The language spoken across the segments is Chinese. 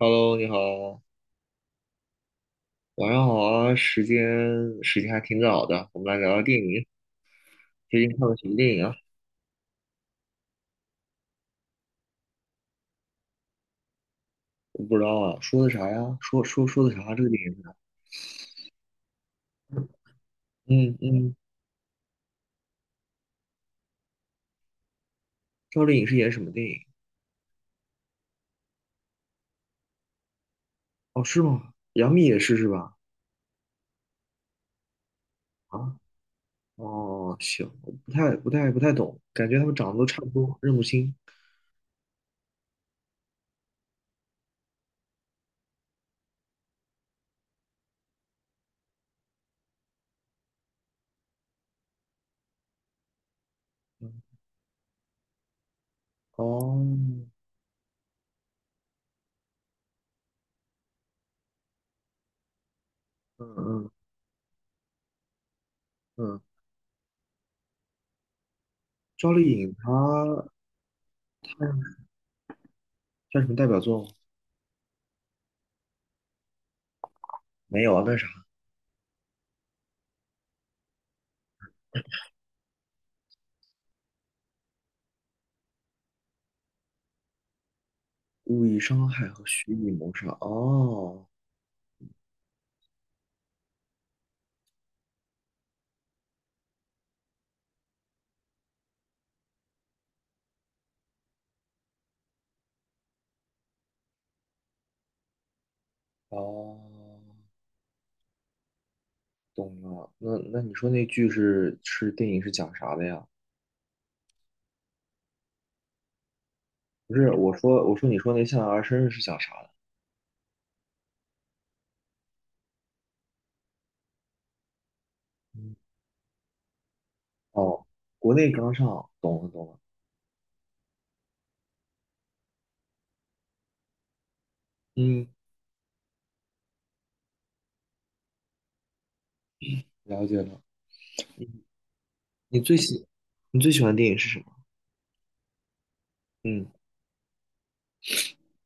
Hello，你好，晚上好啊，时间还挺早的，我们来聊聊电影。最近看了什么电影啊？我不知道啊，说的啥呀？说的啥啊？这个电影是啥。嗯嗯。赵丽颖是演什么电影？哦，是吗？杨幂也是是吧？啊，哦，行，我不太懂，感觉他们长得都差不多，认不清。嗯。哦。嗯嗯嗯。赵丽颖她算什么代表作吗？没有啊，那啥。故意伤害和蓄意谋杀。哦。哦，懂了。那那你说那剧是是电影是讲啥的呀？不是，我说你说那《向阳而生》是讲啥的？嗯。哦，国内刚上，懂了懂了。嗯，了解了。你最喜你最喜欢的电影是什么？嗯，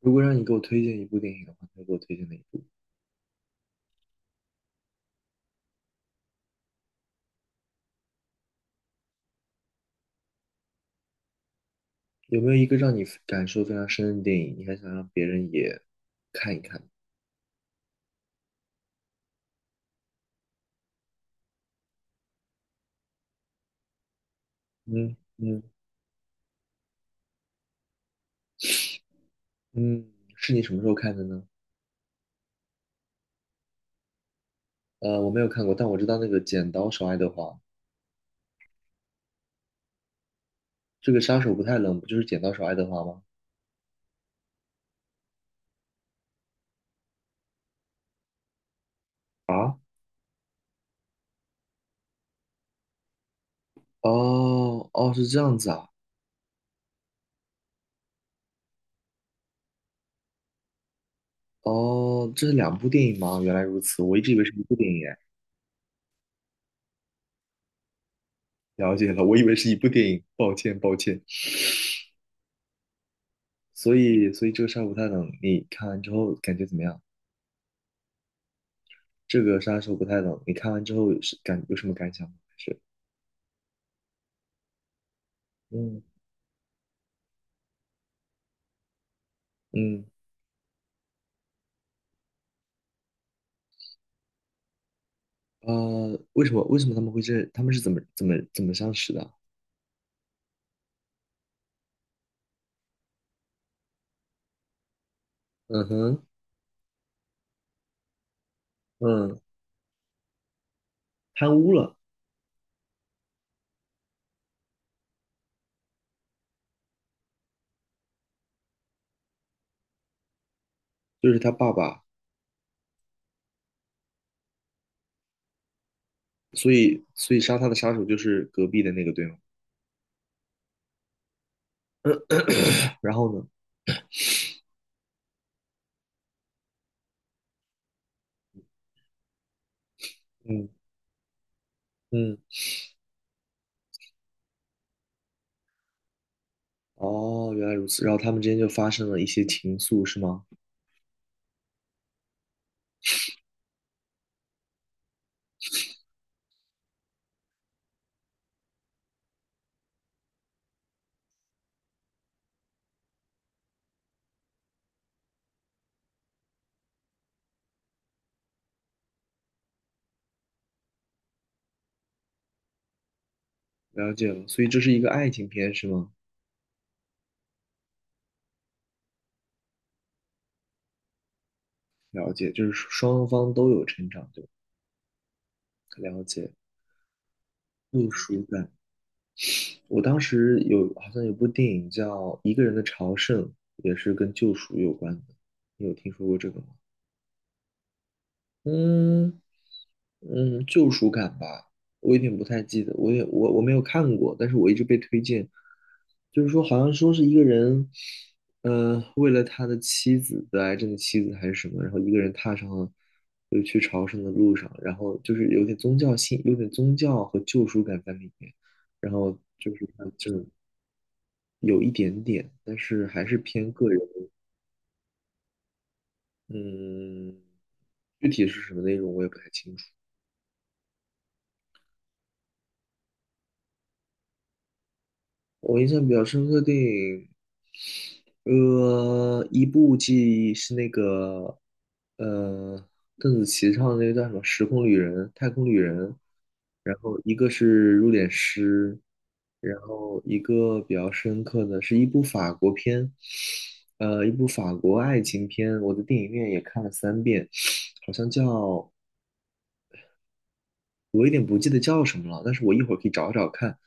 如果让你给我推荐一部电影的话，你会给我推荐哪一部？有没有一个让你感受非常深的电影，你还想让别人也看一看？嗯嗯。嗯，是你什么时候看的呢？我没有看过，但我知道那个《剪刀手爱德华》。这个杀手不太冷，不就是剪刀手爱德华吗？啊。哦哦，是这样子啊。哦，这是两部电影吗？原来如此，我一直以为是一部电影哎。了解了，我以为是一部电影，抱歉抱歉。所以，所以这个杀手不太冷，你看完之后感觉怎么样？这个杀手不太冷，你看完之后是感有什么感想吗？还是嗯，嗯，为什么他们会这？他们是怎么相识的？嗯哼。嗯。贪污了，就是他爸爸。所以杀他的杀手就是隔壁的那个，对吗？然后呢？嗯。嗯，哦，原来如此。然后他们之间就发生了一些情愫，是吗？了解了。所以这是一个爱情片，是吗？了解，就是双方都有成长，对吧？了解，救赎感。我当时有好像有部电影叫《一个人的朝圣》，也是跟救赎有关的。你有听说过这个吗？嗯。嗯，救赎感吧，我有点不太记得，我也我没有看过，但是我一直被推荐，就是说好像说是一个人，为了他的得癌症的妻子还是什么，然后一个人踏上了就是去朝圣的路上，然后就是有点宗教性，有点宗教和救赎感在里面，然后就是他就有一点点，但是还是偏个人。嗯，具体是什么内容我也不太清楚。我印象比较深刻的电影，一部记忆是那个，呃，邓紫棋唱的那个叫什么《时空旅人》《太空旅人》，然后一个是《入殓师》，然后一个比较深刻的是一部法国片，一部法国爱情片，我的电影院也看了三遍，好像叫，我有点不记得叫什么了，但是我一会儿可以找找看。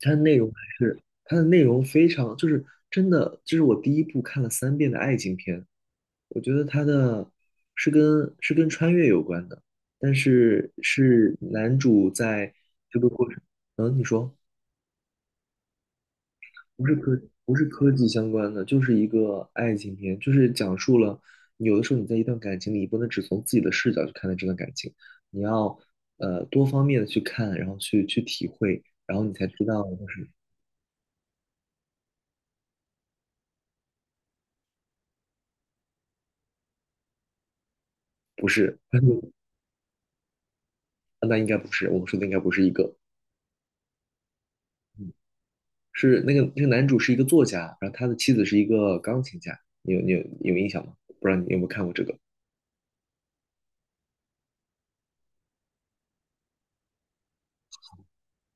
它的内容还是它的内容非常，就是真的，这是我第一部看了三遍的爱情片。我觉得它的是跟穿越有关的，但是是男主在这个过程。嗯，你说不是科技相关的，就是一个爱情片，就是讲述了有的时候你在一段感情里，你不能只从自己的视角去看待这段感情，你要多方面的去看，然后去体会，然后你才知道就是不是。那应该不是，我们说的应该不是一个。嗯，是那个男主是一个作家，然后他的妻子是一个钢琴家，你有印象吗？不知道你有没有看过这个？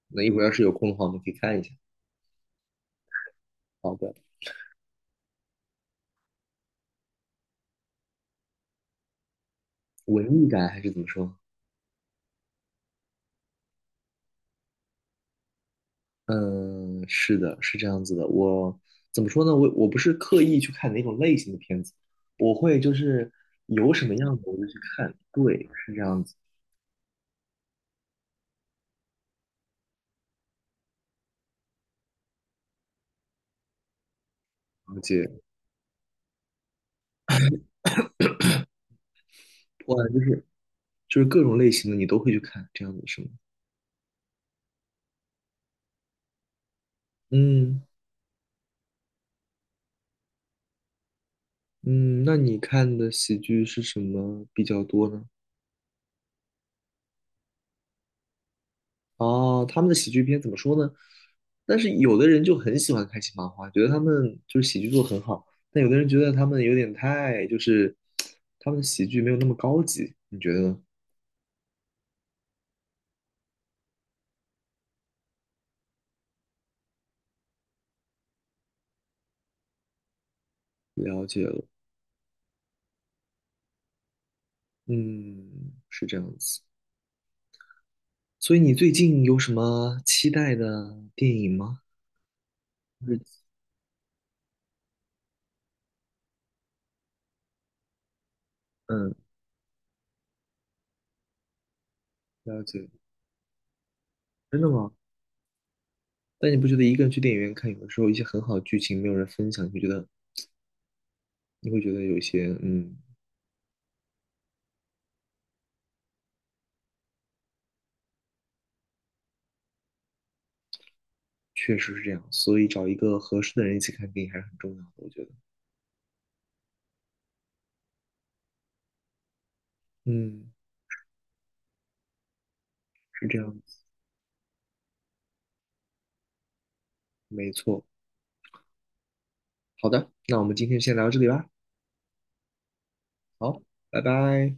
那一会儿要是有空的话，我们可以看一下。好的，文艺感还是怎么说？嗯，是的，是这样子的。我怎么说呢？我不是刻意去看哪种类型的片子，我会就是有什么样子我就去看。对，是这样子。而且，哇，就是就是各种类型的你都会去看，这样子是吗？嗯。嗯，那你看的喜剧是什么比较多呢？哦，他们的喜剧片怎么说呢？但是有的人就很喜欢开心麻花，觉得他们就是喜剧做得很好，但有的人觉得他们有点太，就是他们的喜剧没有那么高级，你觉得呢？了解了。嗯，是这样子。所以你最近有什么期待的电影吗？就是嗯，了解。真的吗？但你不觉得一个人去电影院看，有的时候一些很好的剧情没有人分享，你会觉得有一些，嗯，确实是这样，所以找一个合适的人一起看电影还是很重要的，我觉得。嗯，是这样子，没错。好的，那我们今天先聊到这里吧。好，拜拜。